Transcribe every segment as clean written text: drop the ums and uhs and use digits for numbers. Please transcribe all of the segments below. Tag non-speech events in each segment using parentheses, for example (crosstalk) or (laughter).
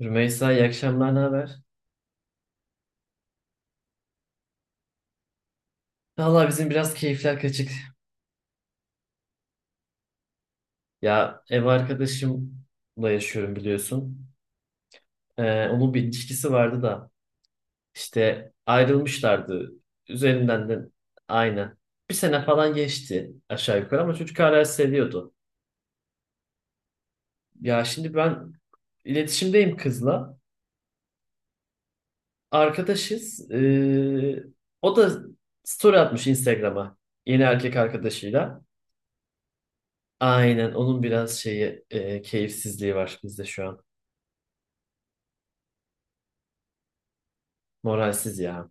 Rümeysa iyi akşamlar, ne haber? Valla bizim biraz keyifler kaçık. Ya ev arkadaşımla yaşıyorum biliyorsun. Onun bir ilişkisi vardı da işte ayrılmışlardı. Üzerinden de aynı. Bir sene falan geçti aşağı yukarı ama çocuk hala seviyordu. Ya şimdi ben iletişimdeyim kızla. Arkadaşız. O da story atmış Instagram'a yeni erkek arkadaşıyla. Aynen onun biraz şeyi keyifsizliği var bizde şu an. Moralsiz ya.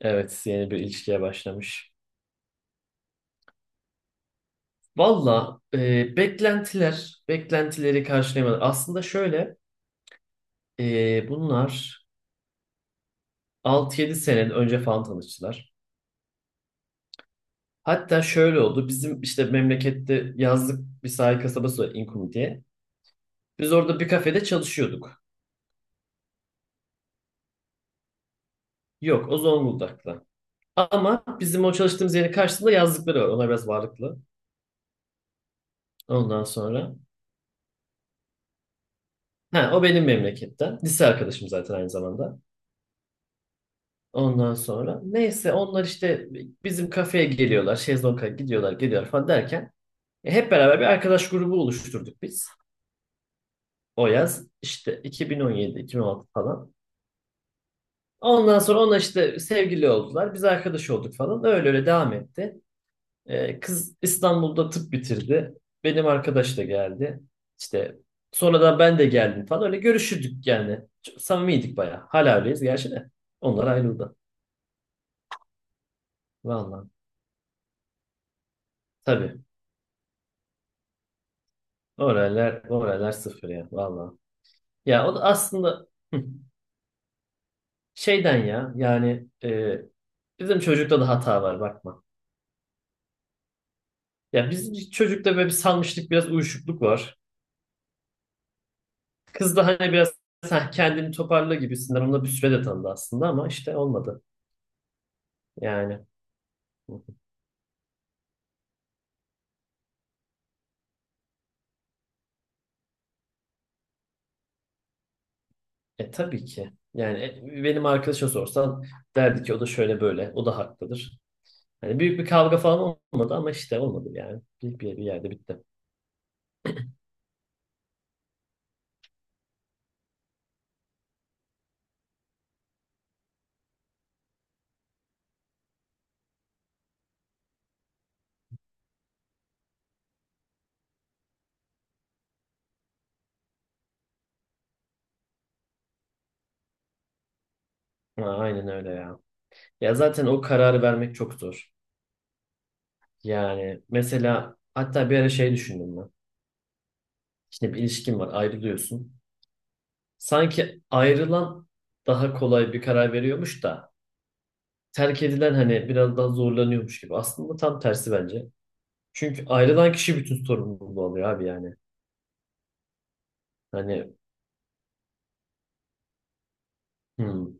Evet, yeni bir ilişkiye başlamış. Valla beklentiler, beklentileri karşılayamadı. Aslında şöyle, bunlar 6 yedi sene önce falan tanıştılar. Hatta şöyle oldu, bizim işte memlekette yazlık bir sahil kasabası var İnkum diye. Biz orada bir kafede çalışıyorduk. Yok, o Zonguldak'ta. Ama bizim o çalıştığımız yerin karşısında yazlıkları var. Onlar biraz varlıklı. Ondan sonra. Ha, o benim memleketten. Lise arkadaşım zaten aynı zamanda. Ondan sonra neyse onlar işte bizim kafeye geliyorlar. Şezlong'a gidiyorlar geliyorlar falan derken hep beraber bir arkadaş grubu oluşturduk biz. O yaz işte 2017-2016 falan. Ondan sonra onlar işte sevgili oldular. Biz arkadaş olduk falan. Öyle öyle devam etti. Kız İstanbul'da tıp bitirdi. Benim arkadaş da geldi. İşte sonradan ben de geldim falan. Öyle görüşürdük yani. Çok samimiydik bayağı. Hala öyleyiz gerçi de. Onlar ayrıldı. Vallahi. Tabii. Oralar, oralar sıfır ya valla. Ya o da aslında hı, şeyden ya yani bizim çocukta da hata var bakma. Ya bizim çocukta böyle bir salmışlık biraz uyuşukluk var. Kız da hani biraz "Sen kendini toparla gibisinden onunla bir süre de tanıdı aslında ama işte olmadı. Yani e tabii ki. Yani benim arkadaşa sorsan derdi ki o da şöyle böyle o da haklıdır. Hani büyük bir kavga falan olmadı ama işte olmadı yani. Bir yerde bitti. Ha, aynen öyle ya. Ya zaten o kararı vermek çok zor. Yani mesela hatta bir ara şey düşündüm ben. Şimdi bir ilişkin var, ayrılıyorsun. Sanki ayrılan daha kolay bir karar veriyormuş da terk edilen hani biraz daha zorlanıyormuş gibi. Aslında tam tersi bence. Çünkü ayrılan kişi bütün sorumluluğu alıyor abi yani. Hani hmm,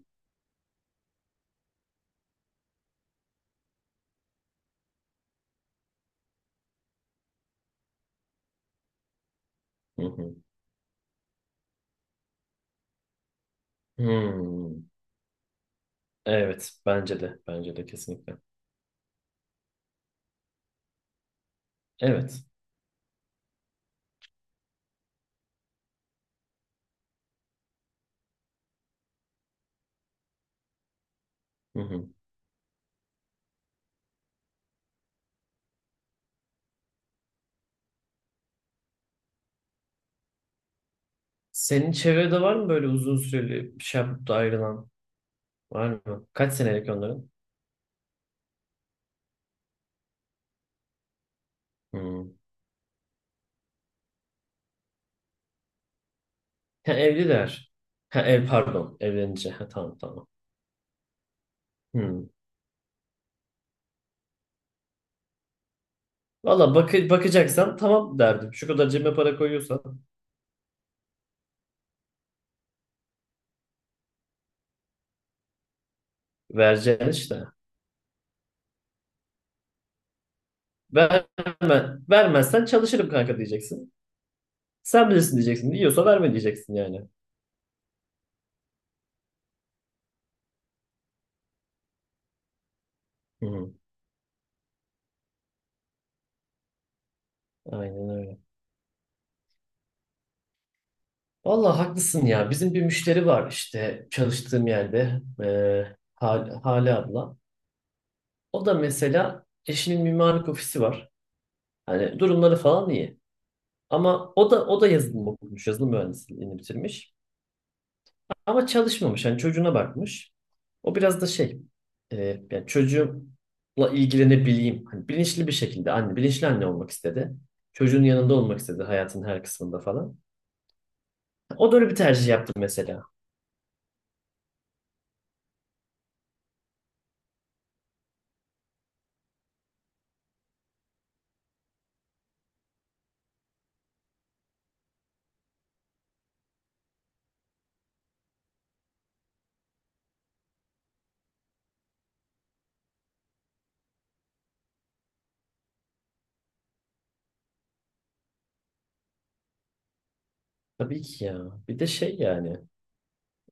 hı hı, hmm. Evet, bence de. Bence de kesinlikle. Evet. Hı hı. Senin çevrede var mı böyle uzun süreli bir şey yapıp da ayrılan? Var mı? Kaç senelik onların? Hmm. Ha, evliler. Ha, ev pardon. Evlenince. Ha, tamam tamam. Hmm. Valla bak bakacaksan tamam derdim. Şu kadar cebime para koyuyorsan vereceksin işte. Verme, vermezsen çalışırım kanka diyeceksin. Sen bilirsin diyeceksin. Diyorsa verme diyeceksin yani. Hmm. Aynen öyle. Valla haklısın ya. Bizim bir müşteri var işte çalıştığım yerde. Hale abla. O da mesela eşinin mimarlık ofisi var. Hani durumları falan iyi. Ama o da yazılım okumuş, yazılım mühendisliğini bitirmiş. Ama çalışmamış. Hani çocuğuna bakmış. O biraz da şey, yani çocuğumla ilgilenebileyim. Hani bilinçli bir şekilde anne, bilinçli anne olmak istedi. Çocuğun yanında olmak istedi hayatın her kısmında falan. O da öyle bir tercih yaptı mesela. Tabii ki ya. Bir de şey yani.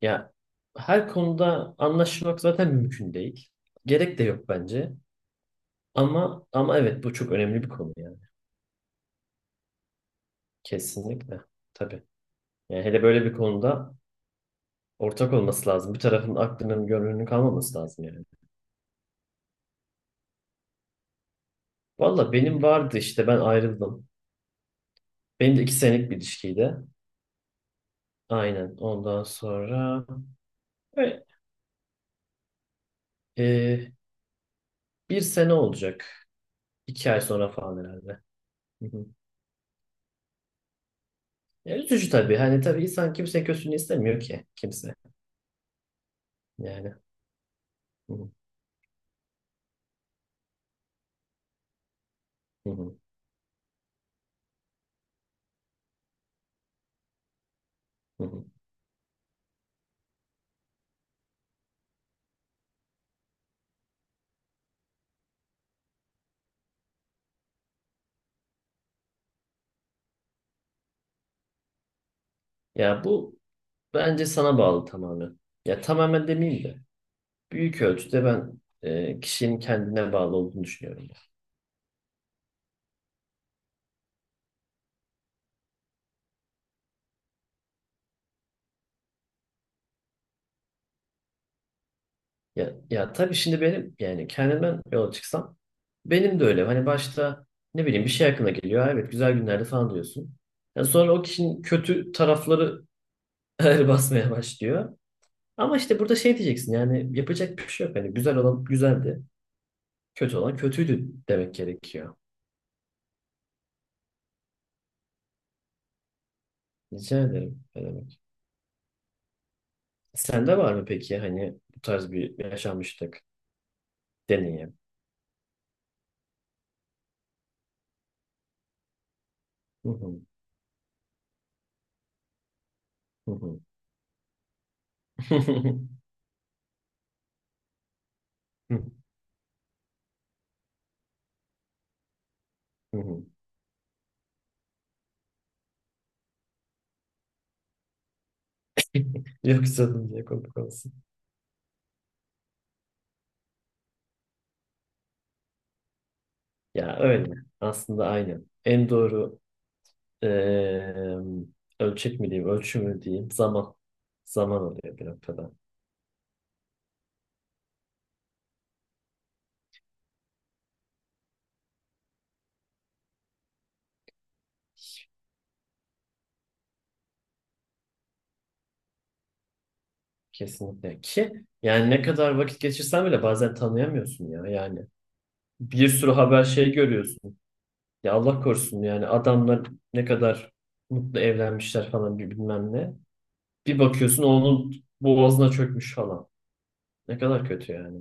Ya her konuda anlaşmak zaten mümkün değil. Gerek de yok bence. Ama evet bu çok önemli bir konu yani. Kesinlikle. Tabii. Yani hele böyle bir konuda ortak olması lazım. Bir tarafın aklının gönlünün kalmaması lazım yani. Valla benim vardı işte ben ayrıldım. Benim de iki senelik bir ilişkiydi. Aynen. Ondan sonra Ve, e, bir sene olacak. İki ay sonra falan herhalde. Hı hı. Ya üzücü tabii. Hani tabii insan kimse kötülüğünü istemiyor ki. Kimse. Yani. Hı hı, hı hı, hı hı. Ya bu bence sana bağlı tamamen. Ya tamamen demeyeyim de. Büyük ölçüde ben kişinin kendine bağlı olduğunu düşünüyorum. Ya, ya tabii şimdi benim yani kendimden yola çıksam benim de öyle. Hani başta ne bileyim bir şey aklına geliyor. "Aa, evet güzel günlerde falan diyorsun. Ya sonra o kişinin kötü tarafları (laughs) ağır basmaya başlıyor. Ama işte burada şey diyeceksin yani yapacak bir şey yok. Hani güzel olan güzeldi. Kötü olan kötüydü demek gerekiyor. Rica ederim. Ne demek. Sende var mı peki hani bu tarz bir yaşanmışlık deneyim? Hı hı, hı hı. (laughs) Hı hı, hı hı. Yok canım diye komik. Ya öyle. Aslında aynen. En doğru eee, ölçek mi diyeyim, ölçü mü diyeyim zaman. Zaman oluyor bir noktada. Kesinlikle. Ki yani ne kadar vakit geçirsen bile bazen tanıyamıyorsun ya. Yani bir sürü haber şey görüyorsun. Ya Allah korusun yani adamlar ne kadar mutlu evlenmişler falan bir bilmem ne. Bir bakıyorsun onun boğazına çökmüş falan. Ne kadar kötü yani.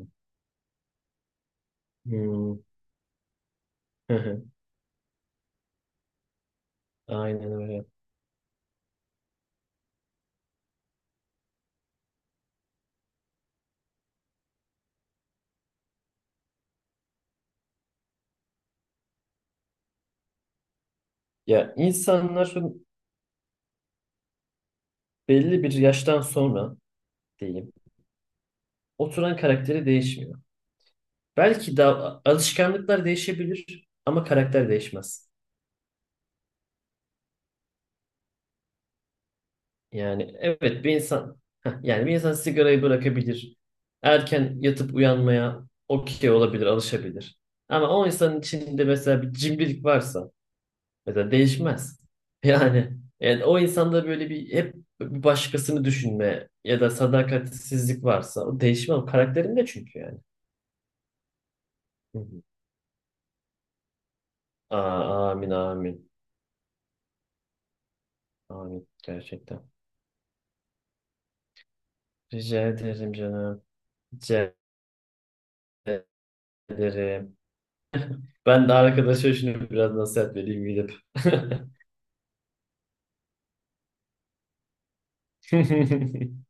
Hmm. (laughs) Aynen öyle. Ya insanların belli bir yaştan sonra diyeyim. Oturan karakteri değişmiyor. Belki de alışkanlıklar değişebilir ama karakter değişmez. Yani evet bir insan yani bir insan sigarayı bırakabilir. Erken yatıp uyanmaya okey olabilir, alışabilir. Ama o insanın içinde mesela bir cimrilik varsa mesela değişmez. (laughs) Yani yani o insanda böyle bir hep bir başkasını düşünme ya da sadakatsizlik varsa o değişmez. O karakterinde çünkü yani. Hı hı. Aa, amin amin. Amin gerçekten. Rica ederim canım. Rica ederim. Ben de arkadaşa şunu biraz nasihat vereyim gidip. (laughs)